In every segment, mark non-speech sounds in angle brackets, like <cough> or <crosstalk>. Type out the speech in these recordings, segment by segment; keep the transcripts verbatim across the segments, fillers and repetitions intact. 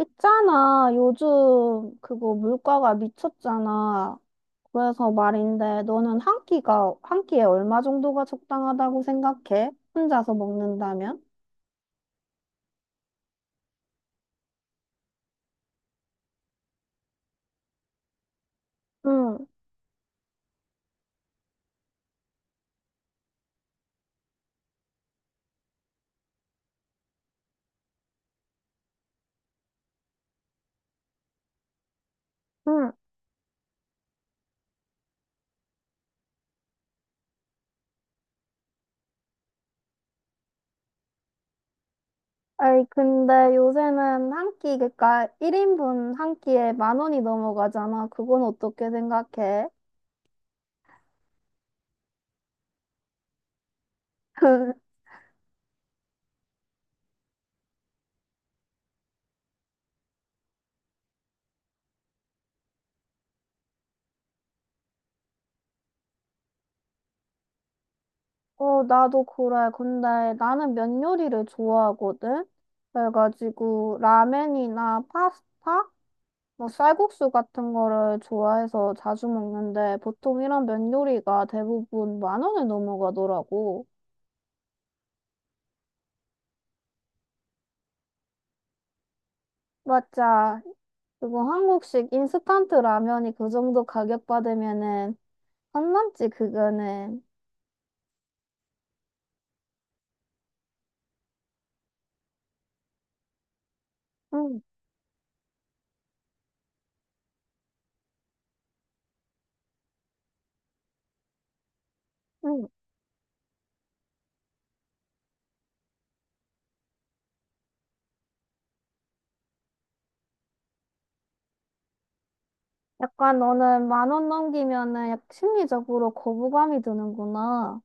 있잖아, 요즘 그거 물가가 미쳤잖아. 그래서 말인데, 너는 한 끼가, 한 끼에 얼마 정도가 적당하다고 생각해? 혼자서 먹는다면? 응, 응. 아이, 근데 요새는 한 끼, 그러니까 일 인분 한 끼에 만 원이 넘어가잖아. 그건 어떻게 생각해? <laughs> 어, 나도 그래. 근데 나는 면 요리를 좋아하거든? 그래가지고, 라멘이나 파스타? 뭐 쌀국수 같은 거를 좋아해서 자주 먹는데 보통 이런 면 요리가 대부분 만 원을 넘어가더라고. 맞아. 그리고 한국식 인스턴트 라면이 그 정도 가격 받으면은 안 남지, 그거는. 응, 응. 약간 너는 만 원 넘기면은 약 심리적으로 거부감이 드는구나.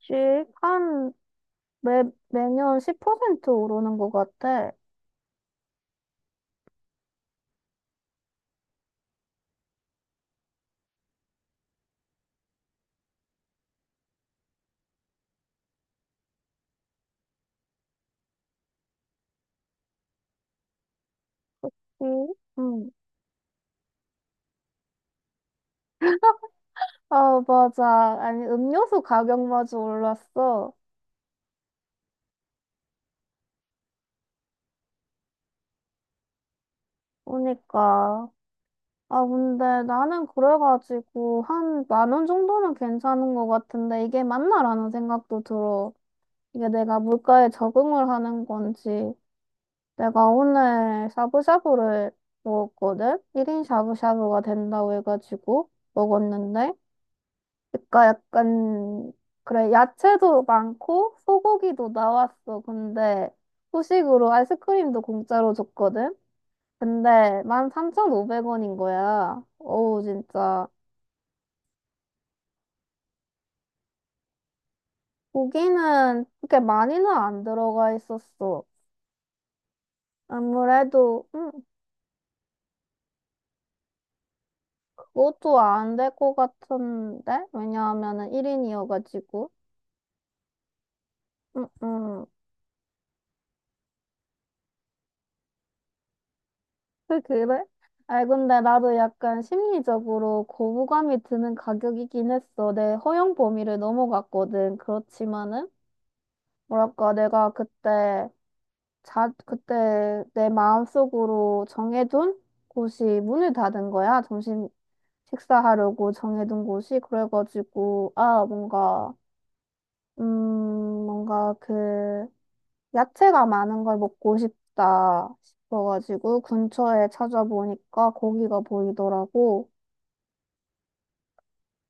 씩 한 매, 매년 십 퍼센트 오르는 것 같아. 응. 응. 아, 맞아. 아니, 음료수 가격마저 올랐어. 그러니까. 아, 근데 나는 그래가지고 한 만 원 정도는 괜찮은 것 같은데, 이게 맞나라는 생각도 들어. 이게 내가 물가에 적응을 하는 건지. 내가 오늘 샤브샤브를 먹었거든? 일 인 샤브샤브가 된다고 해가지고 먹었는데. 그러니까 약간, 그래, 야채도 많고 소고기도 나왔어. 근데 후식으로 아이스크림도 공짜로 줬거든? 근데 만 삼천오백 원인 거야. 어우, 진짜. 고기는 그렇게 많이는 안 들어가 있었어. 아무래도, 음, 그것도 안 될 것 같은데? 왜냐하면은 일 인이어가지고. 음, 음. 그, 그래? 아, 근데 나도 약간 심리적으로 거부감이 드는 가격이긴 했어. 내 허용 범위를 넘어갔거든. 그렇지만은, 뭐랄까, 내가 그때 자, 그때 내 마음속으로 정해둔 곳이 문을 닫은 거야. 점심 식사하려고 정해둔 곳이. 그래가지고, 아, 뭔가, 음, 뭔가 그, 야채가 많은 걸 먹고 싶다 싶어가지고, 근처에 찾아보니까 거기가 보이더라고.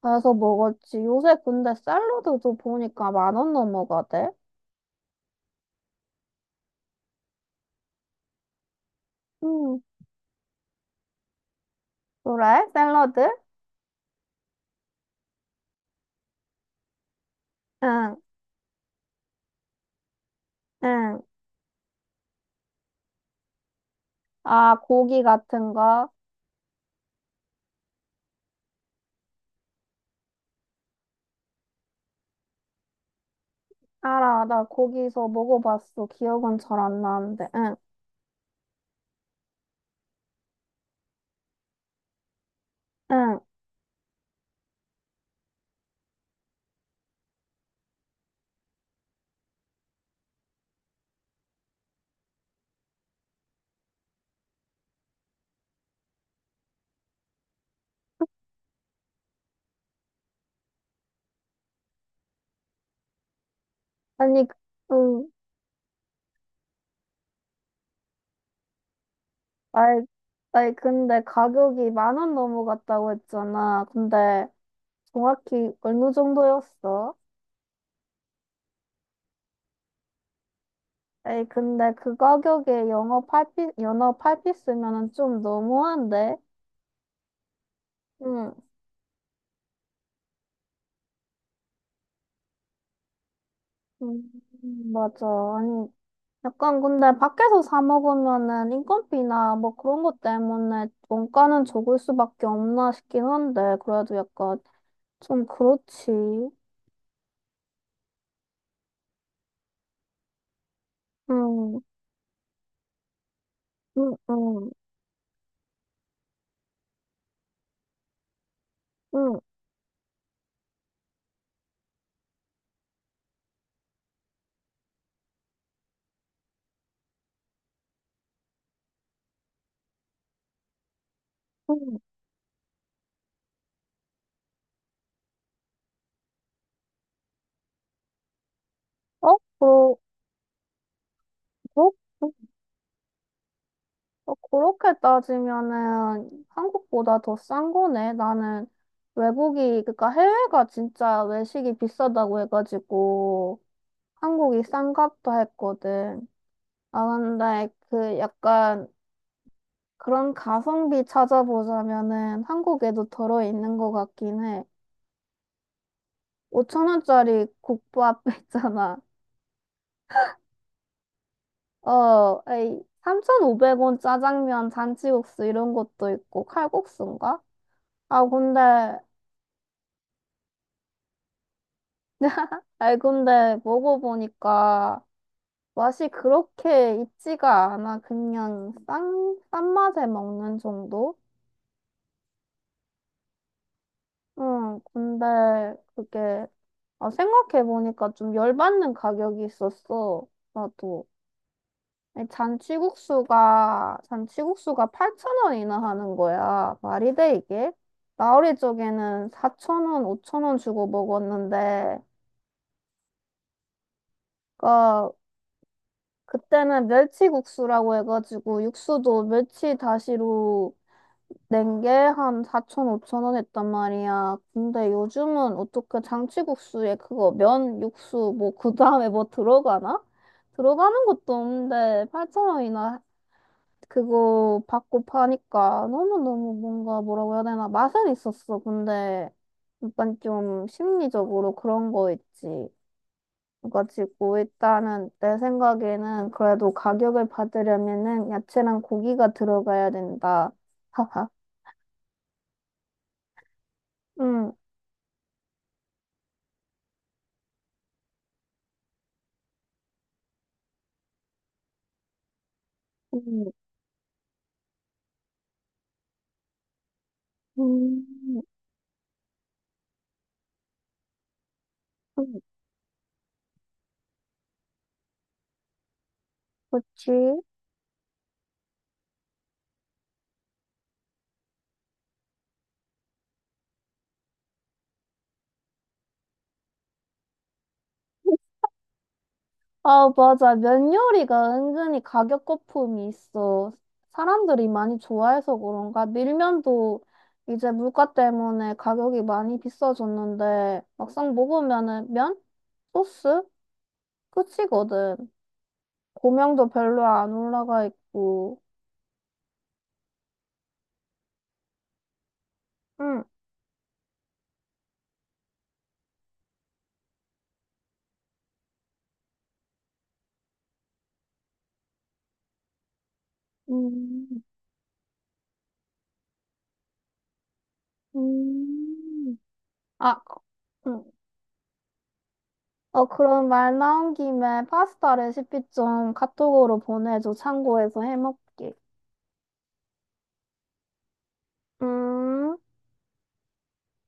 그래서 먹었지. 요새 근데 샐러드도 보니까 만 원 넘어가대. 음, 그래? 샐러드? 응, 응. 아, 고기 같은 거. 알아, 나 거기서 먹어봤어. 기억은 잘 안 나는데. 응, 응. 아니, 그- 응. 아이, 아이, 근데 가격이 만 원 넘어갔다고 했잖아. 근데 정확히 어느 정도였어? 에이, 근데 그 가격에 영어 팔피 연어 팔 피 스면은 좀 너무한데? 응, 음, 맞아. 아니, 약간 근데 밖에서 사 먹으면은 인건비나 뭐 그런 것 때문에 원가는 적을 수밖에 없나 싶긴 한데, 그래도 약간 좀 그렇지. 응. 응. 응. 응. 응. 어, 그러, 그러, 어, 어, 그렇게 따지면은 한국보다 더 싼 거네. 나는 외국이, 그러니까 해외가 진짜 외식이 비싸다고 해가지고 한국이 싼값도 했거든. 아, 근데 그 약간 그런 가성비 찾아보자면은 한국에도 들어있는 것 같긴 해. 오천 원짜리 국밥 <laughs> 있잖아. 어, 에이, 삼천오백 원 짜장면, 잔치국수 이런 것도 있고, 칼국수인가? 아, 근데, 아이, 근데 먹어보니까 맛이 그렇게 있지가 않아. 그냥 싼, 싼 맛에 먹는 정도? 응, 근데 그게, 아, 생각해보니까 좀 열받는 가격이 있었어. 나도. 아니, 잔치국수가, 잔치국수가 팔천 원이나 하는 거야. 말이 돼, 이게? 나 어릴 적에는 사천 원, 오천 원 주고 먹었는데, 그, 그때는 멸치국수라고 해가지고, 육수도 멸치 다시로 낸 게 한 사천, 오천 원 했단 말이야. 근데 요즘은 어떻게 잔치국수에 그거 면, 육수, 뭐, 그 다음에 뭐 들어가나? 들어가는 것도 없는데, 팔천 원이나 그거 받고 파니까, 너무너무 뭔가 뭐라고 해야 되나, 맛은 있었어. 근데 약간 좀 심리적으로 그런 거 있지. 그래가지고 일단은 내 생각에는 그래도 가격을 받으려면은 야채랑 고기가 들어가야 된다. <laughs> 하하. 응. 응. 음, 음, 그치? 아, 맞아. 면 요리가 은근히 가격 거품이 있어. 사람들이 많이 좋아해서 그런가? 밀면도 이제 물가 때문에 가격이 많이 비싸졌는데, 막상 먹으면은 면? 소스? 끝이거든. 고명도 별로 안 올라가 있고. 응. 음, 음. 아, 응. 어, 그럼 말 나온 김에 파스타 레시피 좀 카톡으로 보내줘. 참고해서 해먹게. 음.